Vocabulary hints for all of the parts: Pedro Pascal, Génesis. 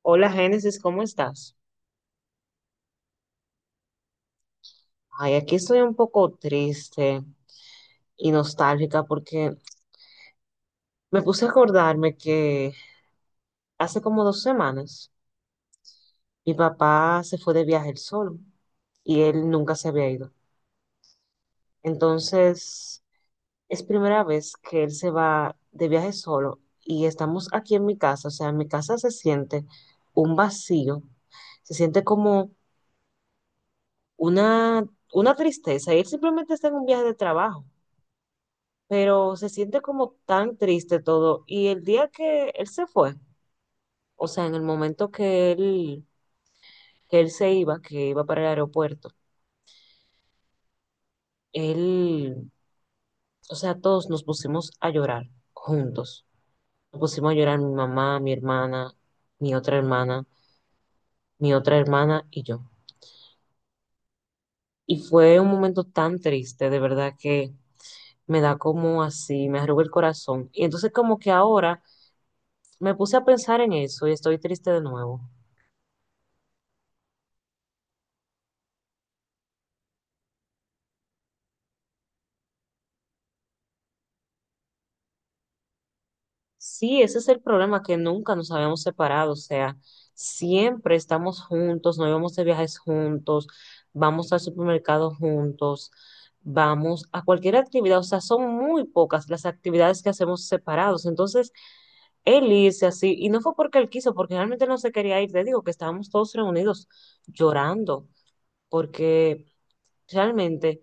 Hola Génesis, ¿cómo estás? Ay, aquí estoy un poco triste y nostálgica porque me puse a acordarme que hace como dos semanas mi papá se fue de viaje él solo y él nunca se había ido. Entonces, es primera vez que él se va de viaje solo y estamos aquí en mi casa, o sea, en mi casa se siente un vacío, se siente como una, una tristeza y él simplemente está en un viaje de trabajo. Pero se siente como tan triste todo. Y el día que él se fue, o sea, en el momento que él se iba, que iba para el aeropuerto, él, o sea, todos nos pusimos a llorar juntos. Nos pusimos a llorar mi mamá, mi hermana, mi otra hermana, mi otra hermana y yo. Y fue un momento tan triste, de verdad que me da como así, me arruga el corazón. Y entonces como que ahora me puse a pensar en eso y estoy triste de nuevo. Sí, ese es el problema, que nunca nos habíamos separado, o sea, siempre estamos juntos, nos vamos de viajes juntos, vamos al supermercado juntos, vamos a cualquier actividad, o sea, son muy pocas las actividades que hacemos separados. Entonces, él irse así, y no fue porque él quiso, porque realmente no se quería ir, te digo que estábamos todos reunidos llorando, porque realmente...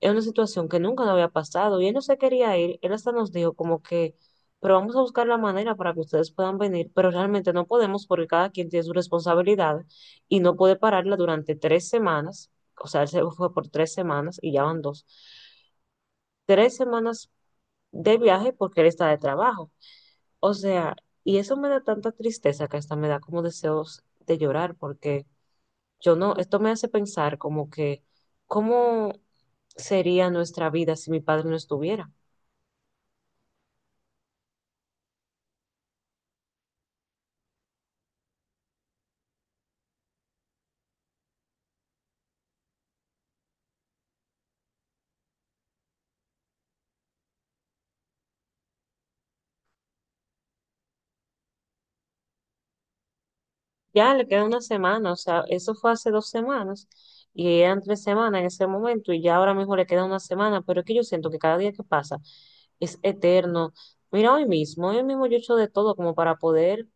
Es una situación que nunca nos había pasado y él no se quería ir. Él hasta nos dijo como que, pero vamos a buscar la manera para que ustedes puedan venir, pero realmente no podemos porque cada quien tiene su responsabilidad y no puede pararla durante tres semanas. O sea, él se fue por tres semanas y ya van dos. Tres semanas de viaje porque él está de trabajo. O sea, y eso me da tanta tristeza que hasta me da como deseos de llorar porque yo no, esto me hace pensar como que, ¿cómo sería nuestra vida si mi padre no estuviera? Ya le queda una semana, o sea, eso fue hace dos semanas y eran tres semanas en ese momento y ya ahora mismo le queda una semana, pero es que yo siento que cada día que pasa es eterno. Mira, hoy mismo yo he hecho de todo como para poder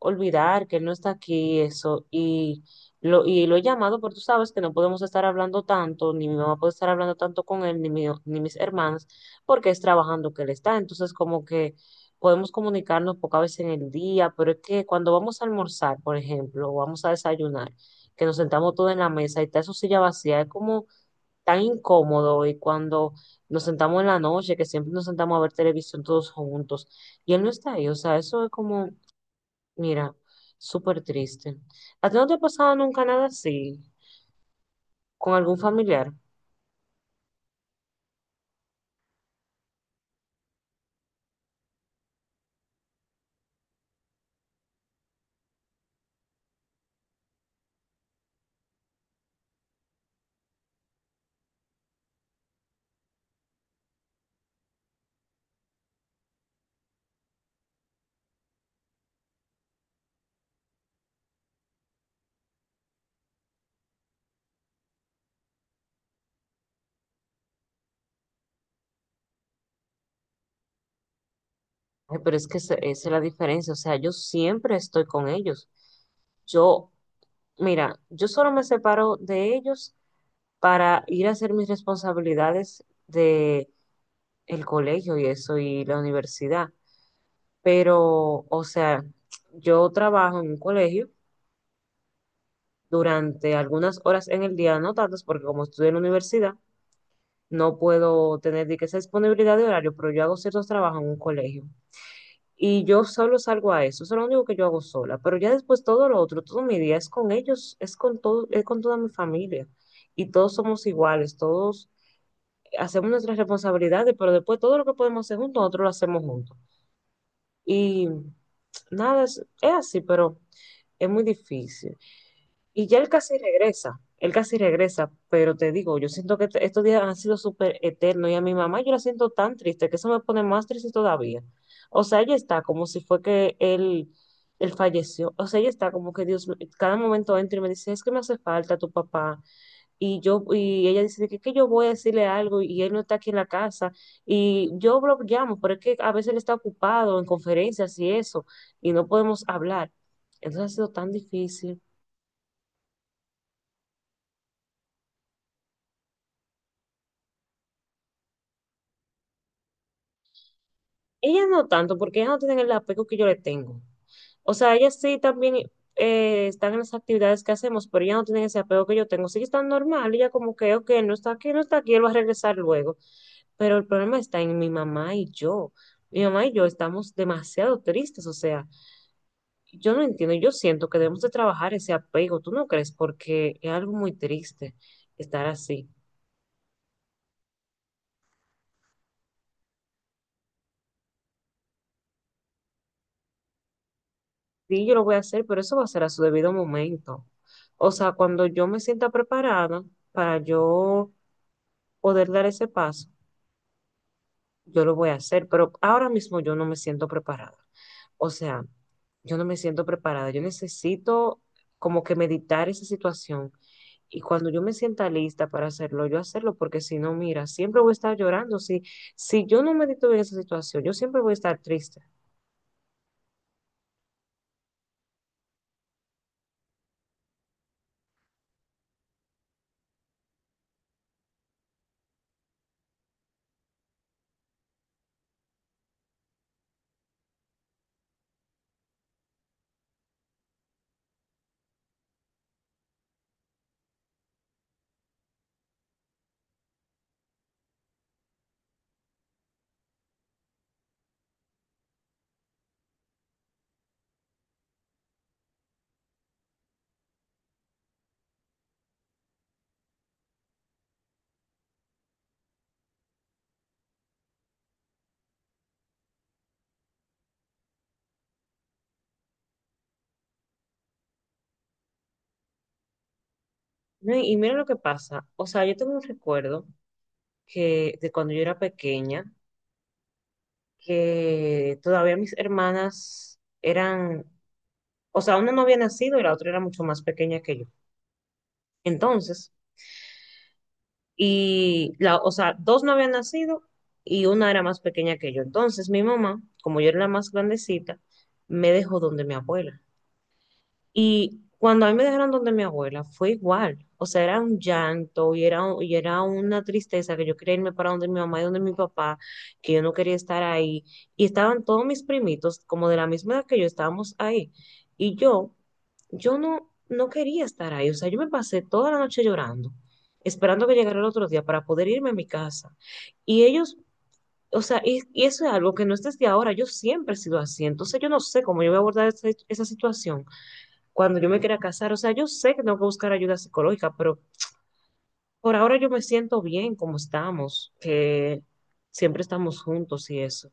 olvidar que él no está aquí, y eso, y lo he llamado, pero tú sabes que no podemos estar hablando tanto, ni mi mamá puede estar hablando tanto con él, ni mis hermanas, porque es trabajando que él está, entonces como que podemos comunicarnos pocas veces en el día, pero es que cuando vamos a almorzar, por ejemplo, o vamos a desayunar, que nos sentamos todos en la mesa y está su silla vacía, es como tan incómodo. Y cuando nos sentamos en la noche, que siempre nos sentamos a ver televisión todos juntos, y él no está ahí, o sea, eso es como, mira, súper triste. ¿A ti no te ha pasado nunca nada así con algún familiar? Ay, pero es que esa es la diferencia, o sea, yo siempre estoy con ellos. Yo, mira, yo solo me separo de ellos para ir a hacer mis responsabilidades de el colegio y eso y la universidad. Pero, o sea, yo trabajo en un colegio durante algunas horas en el día, no tantas, porque como estudio en la universidad, no puedo tener de que esa disponibilidad de horario, pero yo hago ciertos trabajos en un colegio. Y yo solo salgo a eso, eso es lo único que yo hago sola. Pero ya después todo lo otro, todo mi día es con ellos, es con todo, es con toda mi familia. Y todos somos iguales, todos hacemos nuestras responsabilidades, pero después todo lo que podemos hacer juntos, nosotros lo hacemos juntos. Y nada, es así, pero es muy difícil. Y ya él casi regresa, pero te digo, yo siento que estos días han sido súper eternos y a mi mamá yo la siento tan triste que eso me pone más triste todavía. O sea, ella está como si fue que él falleció. O sea, ella está como que Dios, cada momento entra y me dice, es que me hace falta tu papá, y yo y ella dice que yo voy a decirle algo y él no está aquí en la casa y yo lo llamo, pero es que a veces él está ocupado en conferencias y eso y no podemos hablar. Entonces ha sido tan difícil. Ella no tanto porque ella no tiene el apego que yo le tengo. O sea, ellas sí también están en las actividades que hacemos, pero ellas no tienen ese apego que yo tengo. Sí están normal, ella como que, ok, no está aquí, no está aquí, él va a regresar luego. Pero el problema está en mi mamá y yo. Mi mamá y yo estamos demasiado tristes, o sea, yo no entiendo, yo siento que debemos de trabajar ese apego, ¿tú no crees? Porque es algo muy triste estar así. Sí, yo lo voy a hacer, pero eso va a ser a su debido momento. O sea, cuando yo me sienta preparada para yo poder dar ese paso, yo lo voy a hacer, pero ahora mismo yo no me siento preparada. O sea, yo no me siento preparada. Yo necesito como que meditar esa situación. Y cuando yo me sienta lista para hacerlo, yo hacerlo, porque si no, mira, siempre voy a estar llorando. Si, si yo no medito bien esa situación, yo siempre voy a estar triste. No, y mira lo que pasa. O sea, yo tengo un recuerdo que de cuando yo era pequeña, que todavía mis hermanas eran, o sea, una no había nacido y la otra era mucho más pequeña que yo. Entonces, o sea, dos no habían nacido y una era más pequeña que yo. Entonces, mi mamá, como yo era la más grandecita, me dejó donde mi abuela. Y cuando a mí me dejaron donde mi abuela, fue igual. O sea, era un llanto y y era una tristeza que yo quería irme para donde mi mamá y donde mi papá, que yo no quería estar ahí. Y estaban todos mis primitos, como de la misma edad que yo, estábamos ahí. Y yo, no quería estar ahí. O sea, yo me pasé toda la noche llorando, esperando que llegara el otro día para poder irme a mi casa. Y ellos, o sea, y eso es algo que no es desde ahora, yo siempre he sido así. Entonces yo no sé cómo yo voy a abordar esa situación cuando yo me quiera casar. O sea, yo sé que tengo que buscar ayuda psicológica, pero por ahora yo me siento bien como estamos, que siempre estamos juntos y eso.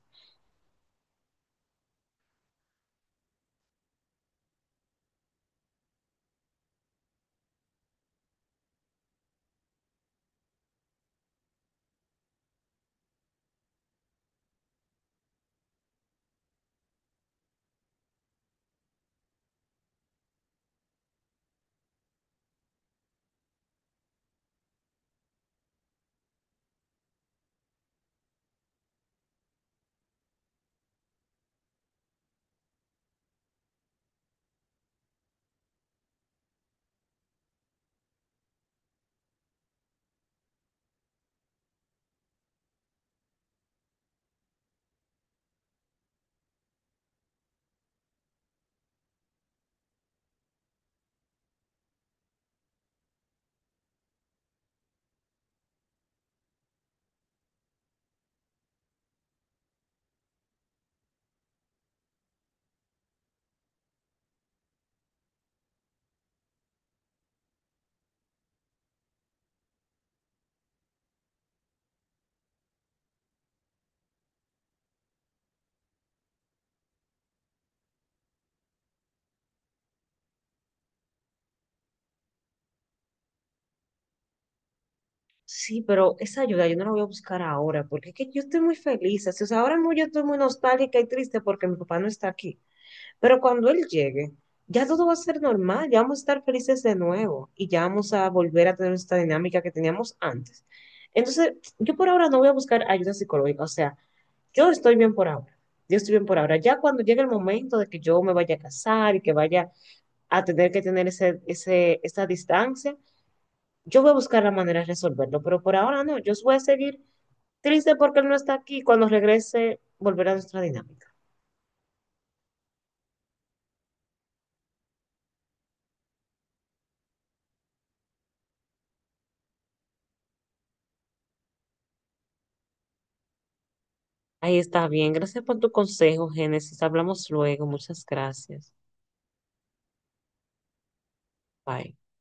Sí, pero esa ayuda yo no la voy a buscar ahora, porque es que yo estoy muy feliz. Así, o sea, ahora mismo yo estoy muy nostálgica y triste porque mi papá no está aquí. Pero cuando él llegue, ya todo va a ser normal, ya vamos a estar felices de nuevo y ya vamos a volver a tener esta dinámica que teníamos antes. Entonces, yo por ahora no voy a buscar ayuda psicológica, o sea, yo estoy bien por ahora. Yo estoy bien por ahora. Ya cuando llegue el momento de que yo me vaya a casar y que vaya a tener que tener esa distancia, yo voy a buscar la manera de resolverlo. Pero por ahora no, yo voy a seguir triste porque él no está aquí. Cuando regrese, volverá a nuestra dinámica. Ahí está bien. Gracias por tu consejo, Génesis. Hablamos luego. Muchas gracias. Bye.